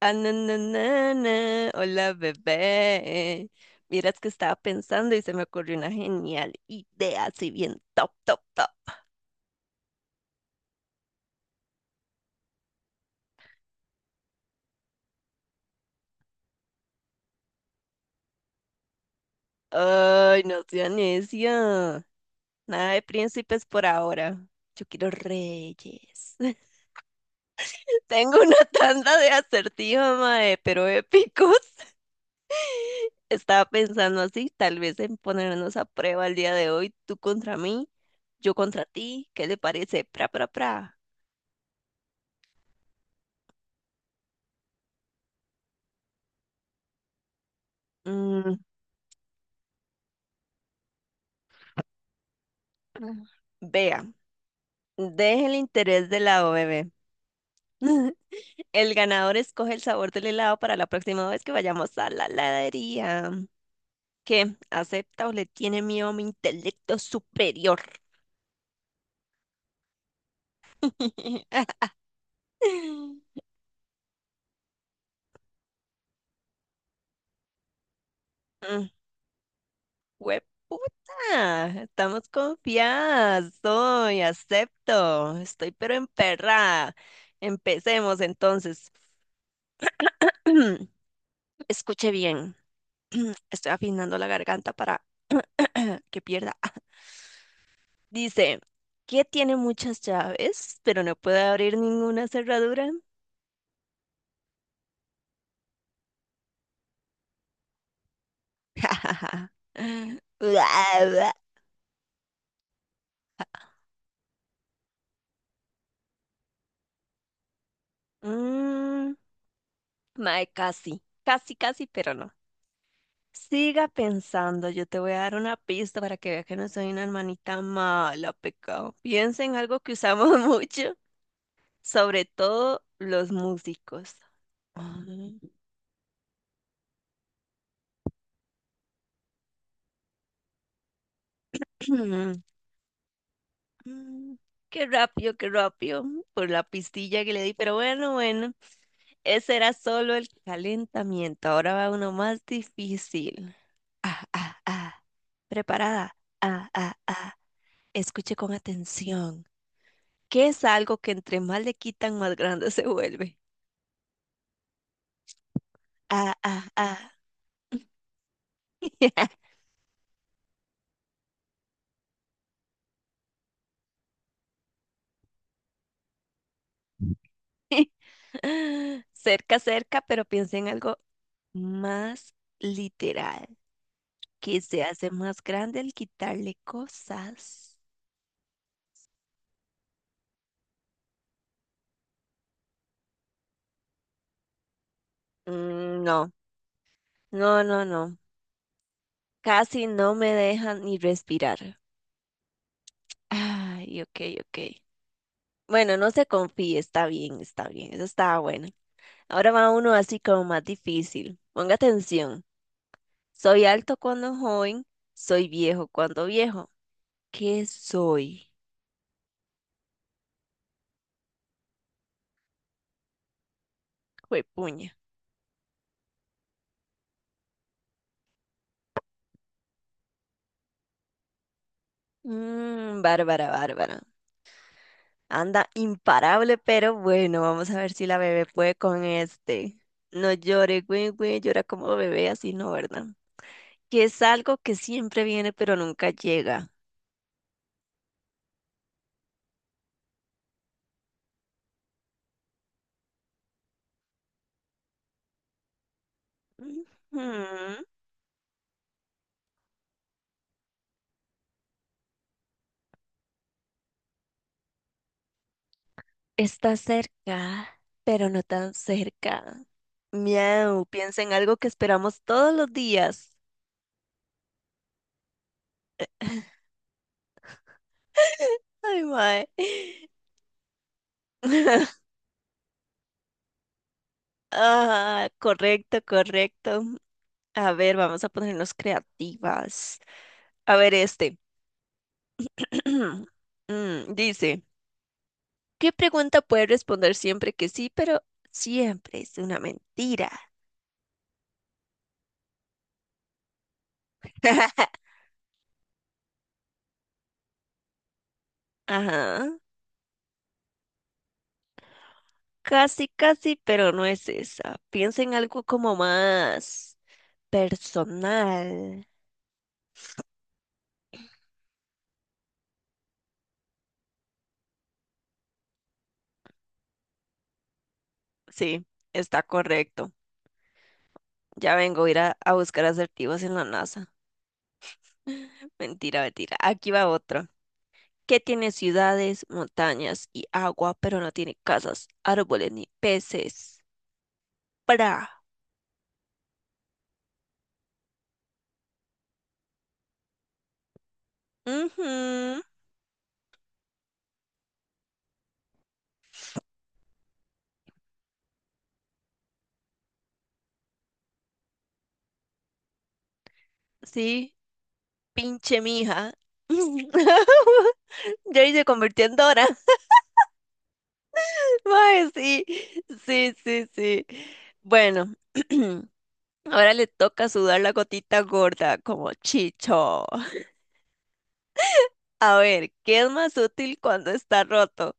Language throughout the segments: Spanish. Ah, na, na, na, na. Hola, bebé. Miras que estaba pensando y se me ocurrió una genial idea, así bien top, top, top. Ay, no sea necia. Nada de príncipes por ahora. Yo quiero reyes. Tengo una tanda de acertijos, mae, pero épicos. Estaba pensando así, tal vez en ponernos a prueba el día de hoy, tú contra mí, yo contra ti. ¿Qué le parece? Pra, pra, pra. Mm, vea. Deje el interés de lado, bebé. El ganador escoge el sabor del helado para la próxima vez que vayamos a la heladería. ¿Qué? ¿Acepta o le tiene miedo a mi intelecto superior? Mm, ¡hueputa! Estamos confiadas. Soy. Acepto. Estoy pero emperrada. Empecemos entonces. Escuche bien. Estoy afinando la garganta para que pierda. Dice, ¿qué tiene muchas llaves, pero no puede abrir ninguna cerradura? Mm, mae, casi, casi, casi, pero no. Siga pensando, yo te voy a dar una pista para que vea que no soy una hermanita mala, pecado. Piensa en algo que usamos mucho, sobre todo los músicos. Mm, Mm, qué rápido, qué rápido, por la pistilla que le di, pero bueno, bueno. Ese era solo el calentamiento. Ahora va uno más difícil. Ah, ah, ah. Preparada. Ah, ah, ah. Escuche con atención. ¿Qué es algo que entre más le quitan, más grande se vuelve? Ah, ah, ah. Cerca, cerca, pero piense en algo más literal, que se hace más grande al quitarle cosas. Mm, no, no, no, no. Casi no me dejan ni respirar. Ay, ok, ok. Bueno, no se confíe, está bien, eso estaba bueno. Ahora va uno así como más difícil. Ponga atención. Soy alto cuando joven, soy viejo cuando viejo. ¿Qué soy? Juepuña. Mmm, Bárbara, Bárbara. Anda imparable, pero bueno, vamos a ver si la bebé puede con este. No llore, güey, güey, llora como bebé, así no, ¿verdad? Que es algo que siempre viene, pero nunca llega. Ujú. Está cerca, pero no tan cerca. Miau, piensa en algo que esperamos todos los días. Ay, mae. Ah, correcto, correcto. A ver, vamos a ponernos creativas. A ver, este. Dice, ¿qué pregunta puede responder siempre que sí, pero siempre es una mentira? Ajá, casi, casi, pero no es esa. Piensa en algo como más personal. Sí, está correcto. Ya vengo a ir a buscar asertivos en la NASA. Mentira, mentira. Aquí va otro. ¿Qué tiene ciudades, montañas y agua, pero no tiene casas, árboles ni peces? ¡Pra! Ujú, sí, pinche mija. Jerry se convirtió en Dora. Mae, sí, sí, sí, sí. Bueno, ahora le toca sudar la gotita gorda como Chicho. A ver, ¿qué es más útil cuando está roto?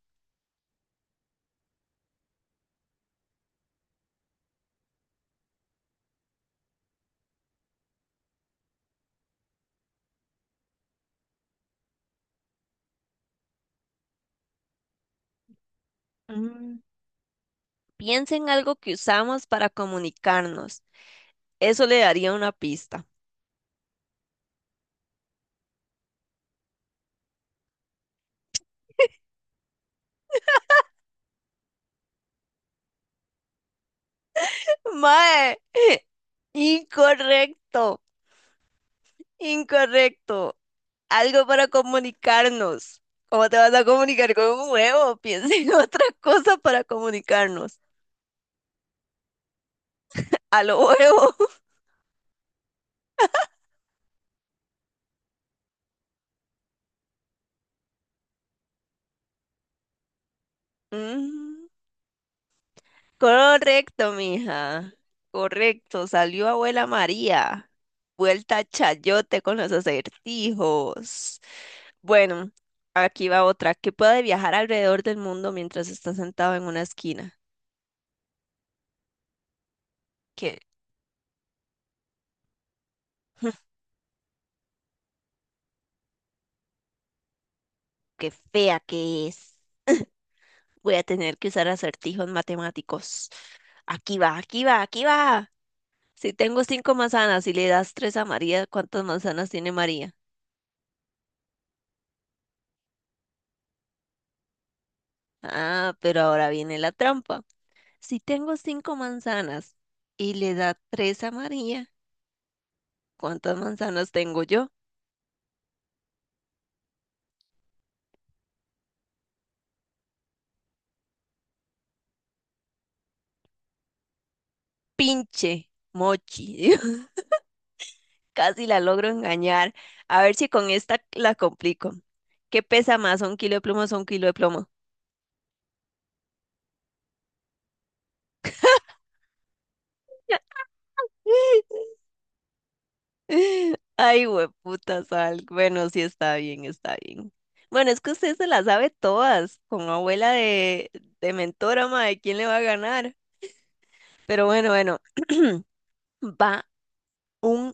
Mm, Piensa en algo que usamos para comunicarnos. Eso le daría una pista. Mae, incorrecto, incorrecto. Algo para comunicarnos. ¿Cómo te vas a comunicar con un huevo? Piensa en otra cosa para comunicarnos. A lo huevo. Mm, correcto, mija. Correcto, salió abuela María. Vuelta chayote con los acertijos. Bueno, aquí va otra. Que puede viajar alrededor del mundo mientras está sentado en una esquina? Qué, qué fea que es. Voy a tener que usar acertijos matemáticos. Aquí va, aquí va, aquí va. Si tengo cinco manzanas y le das tres a María, ¿cuántas manzanas tiene María? Ah, pero ahora viene la trampa. Si tengo cinco manzanas y le da tres a María, ¿cuántas manzanas tengo yo? Pinche mochi. Casi la logro engañar. A ver si con esta la complico. ¿Qué pesa más? ¿Un kilo de plumas o un kilo de plomo? Ay, hueputa sal. Bueno, sí está bien, está bien. Bueno, es que usted se la sabe todas, con abuela de mentora, mae, ¿quién le va a ganar? Pero bueno, bueno, va un,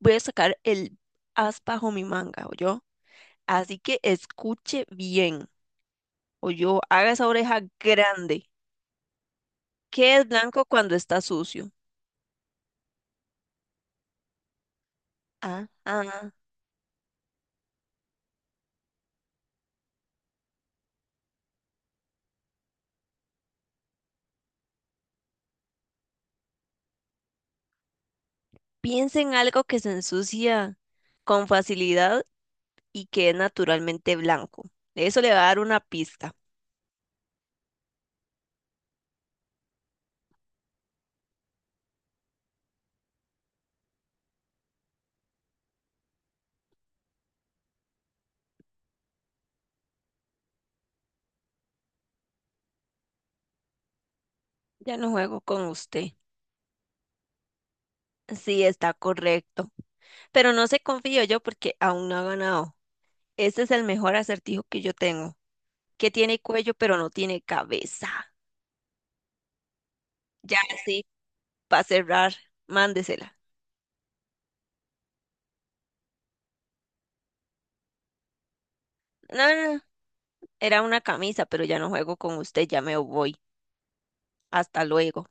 voy a sacar el as bajo mi manga, yo. Así que escuche bien. O yo, haga esa oreja grande. ¿Qué es blanco cuando está sucio? Ah, ah. Piensa en algo que se ensucia con facilidad y que es naturalmente blanco. Eso le va a dar una pista. Ya no juego con usted. Sí, está correcto. Pero no se confío yo porque aún no ha ganado. Este es el mejor acertijo que yo tengo, que tiene cuello pero no tiene cabeza. Ya sí, para cerrar, mándesela. No, no, no, era una camisa, pero ya no juego con usted, ya me voy. Hasta luego.